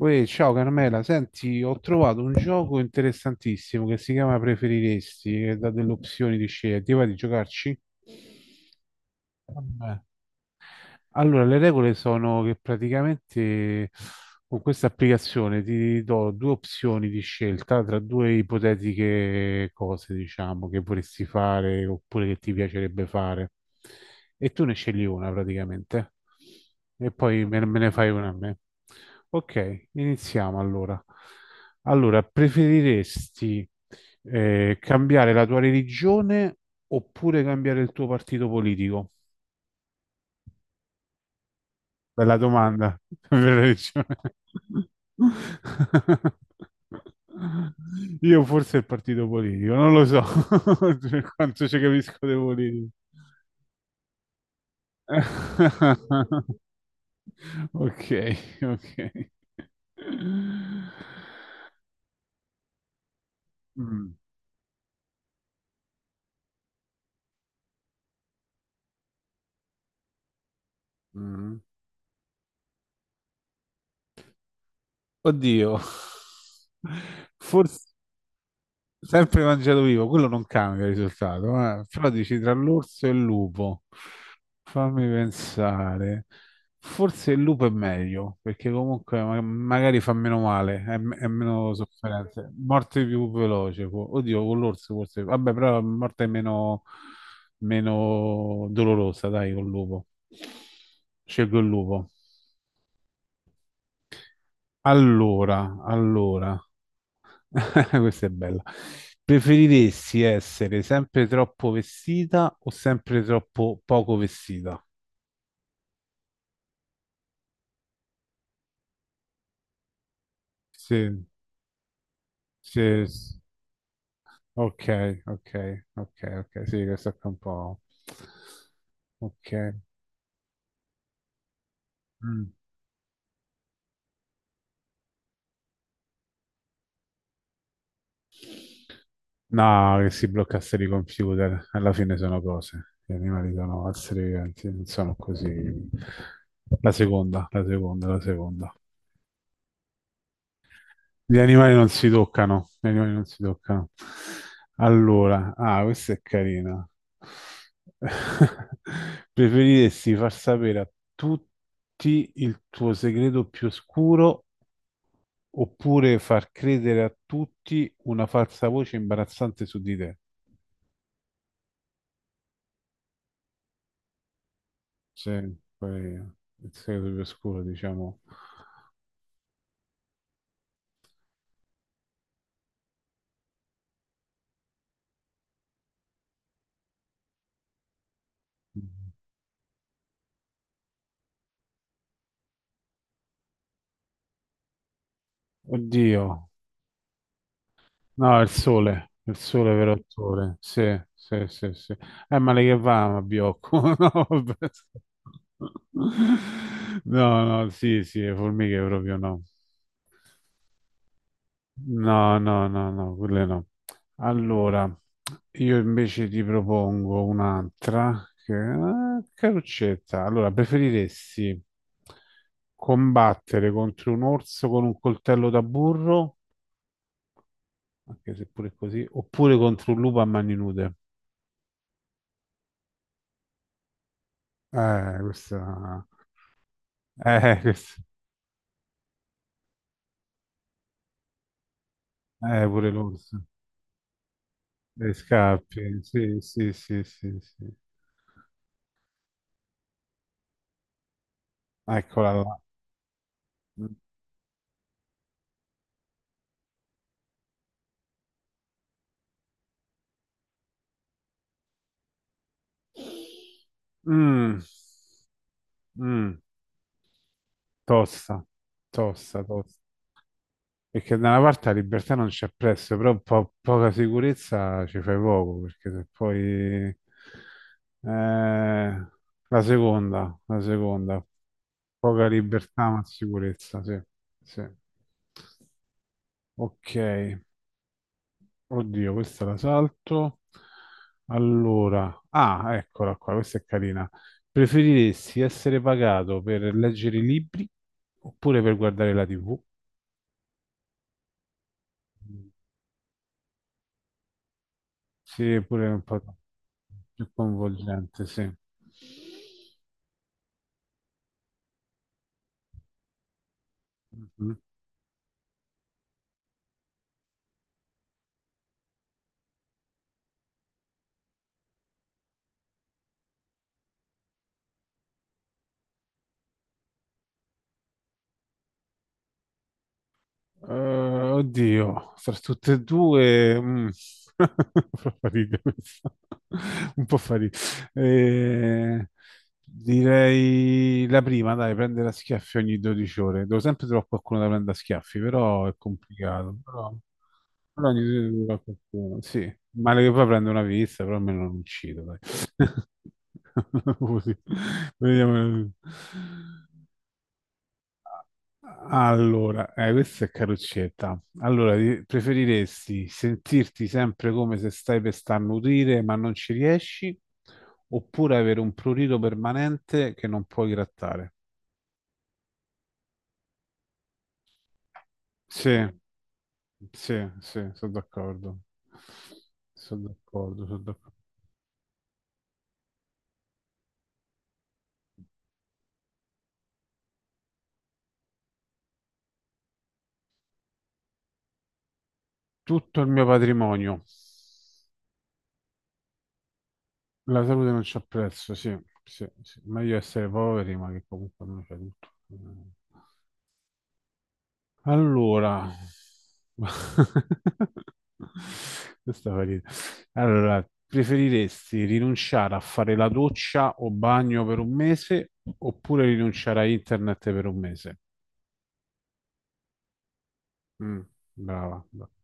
Uè, ciao Carmela, senti, ho trovato un gioco interessantissimo che si chiama Preferiresti, che dà delle opzioni di scelta. Ti va di giocarci? Vabbè. Allora, le regole sono che praticamente con questa applicazione ti do due opzioni di scelta tra due ipotetiche cose, diciamo, che vorresti fare oppure che ti piacerebbe fare. E tu ne scegli una praticamente. E poi me ne fai una a me. Ok, iniziamo allora. Allora, preferiresti cambiare la tua religione oppure cambiare il tuo partito politico? Bella domanda. Bella riccione. Io forse il partito politico, non lo so per quanto ci capisco di politica. Ok, ok. Mm. Mm. Oddio. Forse sempre mangiato vivo, quello non cambia il risultato. Eh. Però dici tra l'orso e il lupo. Fammi pensare. Forse il lupo è meglio, perché comunque magari fa meno male, è, è meno sofferenza. Morte più veloce. Oddio, con l'orso forse. Vabbè, però la morte è meno, meno dolorosa, dai, col lupo. Scelgo il lupo. Allora, questa è bella. Preferiresti essere sempre troppo vestita o sempre troppo poco vestita? Sì, sì, ok, ok, ok, ok, sì, questo è un po'. Ok. Mm. No, che si bloccassero i computer, alla fine sono cose, gli animali sono esseri viventi, non sono così. La seconda, la seconda, la seconda. Gli animali non si toccano, gli animali non si toccano. Allora, ah, questa è carina. Preferiresti far sapere a tutti il tuo segreto più oscuro oppure far credere a tutti una falsa voce imbarazzante su di te? Sì, poi il segreto più oscuro, diciamo. Mm. Oddio. No, il sole vero il sole, sì, sì, sì, sì. Ma lei che va, ma Biocco? No, vabbè. No, no, sì, sì, le formiche proprio no. No, no, no, no, quelle no. Allora, io invece ti propongo un'altra, che ah, caruccetta. Allora, preferiresti combattere contro un orso con un coltello da burro, anche se pure così, oppure contro un lupo a mani nude? Questa. Questa. Pure l'orso. Dei scappi. Sì, sì, sì, sì, sì. Eccola là. Mm, mm, tosta, tosta, tosta. Perché da una parte la libertà non c'è prezzo, però poca sicurezza ci fai poco, perché se poi. Eh, la seconda, la seconda. Poca libertà ma sicurezza, sì, sì. Ok. Oddio, questa la salto. Allora, ah, eccola qua, questa è carina. Preferiresti essere pagato per leggere i libri oppure per guardare la TV? Sì, pure un po' più coinvolgente, sì. Mhm. Eh, oddio, fra tutte e due, mm. Fa ridere questa. Un po' fa ridere. Eh, direi la prima, dai, prendere a schiaffi ogni 12 ore. Devo sempre trovare qualcuno da prendere a schiaffi, però è complicato. Però ogni 12 ore trovare qualcuno. Sì, male che poi prendo una pizza, però almeno non uccido, dai. Così. Vediamo. Allora, questa è caruccetta. Allora, preferiresti sentirti sempre come se stai per starnutire ma non ci riesci, oppure avere un prurito permanente che non puoi grattare? Sì, sì, sì, sono d'accordo. Sono d'accordo, sono d'accordo. Tutto il mio patrimonio. La salute non c'ha prezzo, sì, sì, sì. Meglio essere poveri, ma che comunque non c'è tutto. Allora, questa fa ridere. Allora, preferiresti rinunciare a fare la doccia o bagno per un mese oppure rinunciare a internet per un mese? Mm, brava. Brava.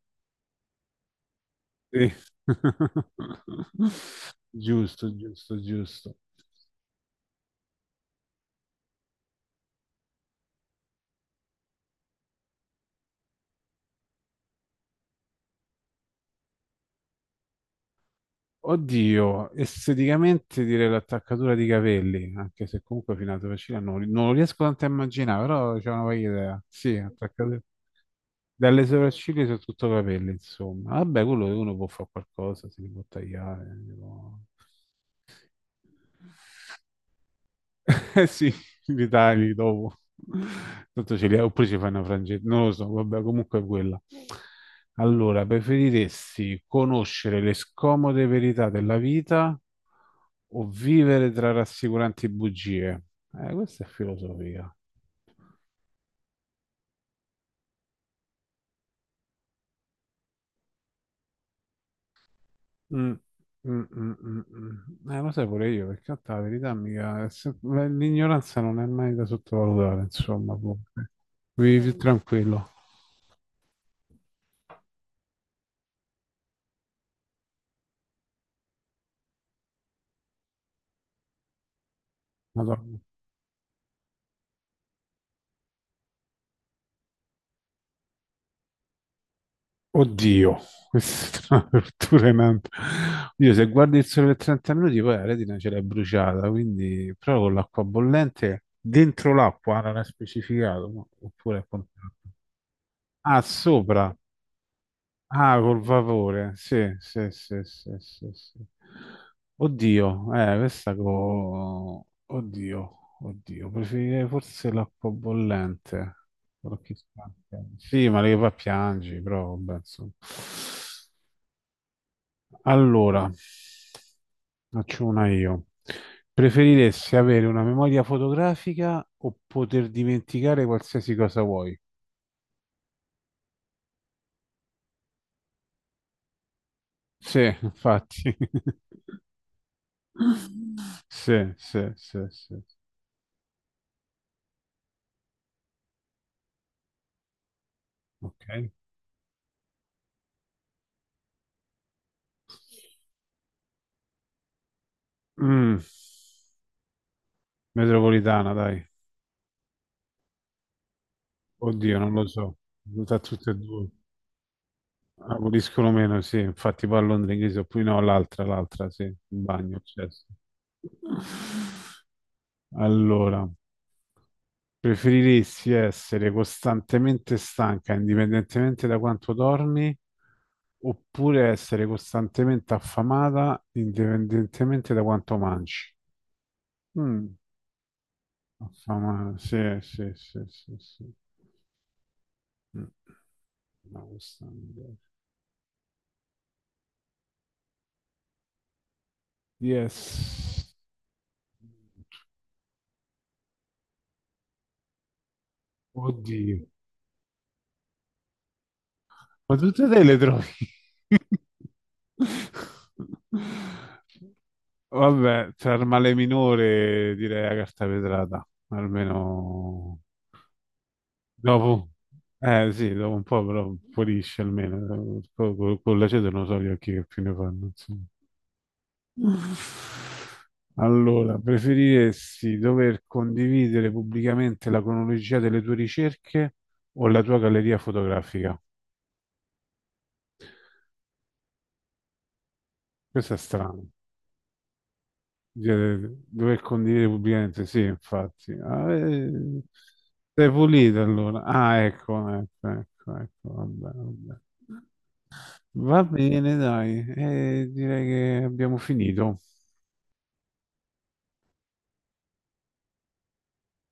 Sì. Giusto, giusto, giusto. Oddio, esteticamente direi l'attaccatura di capelli, anche se comunque fino alla Torrecina non lo riesco tanto a immaginare, però c'è una varia idea. Sì, attaccatura. Dalle sopracciglia sono tutto capelli, insomma. Vabbè, quello che uno può fare qualcosa, si può tagliare. Si può. Eh sì, li tagli dopo. Tanto ce li oppure ci fai una frangetta, non lo so, vabbè, comunque è quella. Allora, preferiresti conoscere le scomode verità della vita o vivere tra rassicuranti bugie? Questa è filosofia. Mm, mm, mm, mm, mm. Lo sai pure io, perché in realtà la verità mica è l'ignoranza non è mai da sottovalutare, insomma. Comunque. Vivi più tranquillo. Madonna. Oddio, questa è una tortura in Oddio, se guardi il sole per 30 minuti poi la retina ce l'hai bruciata, quindi però con l'acqua bollente dentro l'acqua ah, non è specificato, no? Oppure a contatto. Ah, sopra. Ah, col vapore. Sì, sì, sì, sì, sì, sì. Oddio, questa Oddio, oddio, preferirei forse l'acqua bollente. Però chi sa. Sì, ma le fa piangi, però vabbè, insomma. Allora, faccio una io. Preferiresti avere una memoria fotografica o poter dimenticare qualsiasi cosa vuoi? Sì, infatti. Sì, sì, sì, sì. Ok. Mm, metropolitana, dai. Oddio, non lo so. Da tutte e due. Aboliscono meno, sì. Infatti poi a Londra inglese, oppure no, l'altra, l'altra, sì. Il bagno, certo. Allora, preferiresti essere costantemente stanca, indipendentemente da quanto dormi, oppure essere costantemente affamata, indipendentemente da quanto mangi? Mm, affamata, sì, sì, sì, sì, sì. Mm, no, questa è un'idea. Yes. Oddio. Ma tutte te le trovi? Vabbè, tra il male minore direi la carta vetrata, almeno dopo. Eh sì, dopo un po' però pulisce almeno. Con, l'aceto non so gli occhi che più ne fanno. Insomma. Allora, preferiresti dover condividere pubblicamente la cronologia delle tue ricerche o la tua galleria fotografica? Questo è strano. Cioè, dover condire pubblicamente, sì, infatti. Ah, sei pulito allora. Ah, ecco, ecco, ecco, ecco, vabbè, vabbè. Va bene, dai, direi che abbiamo finito.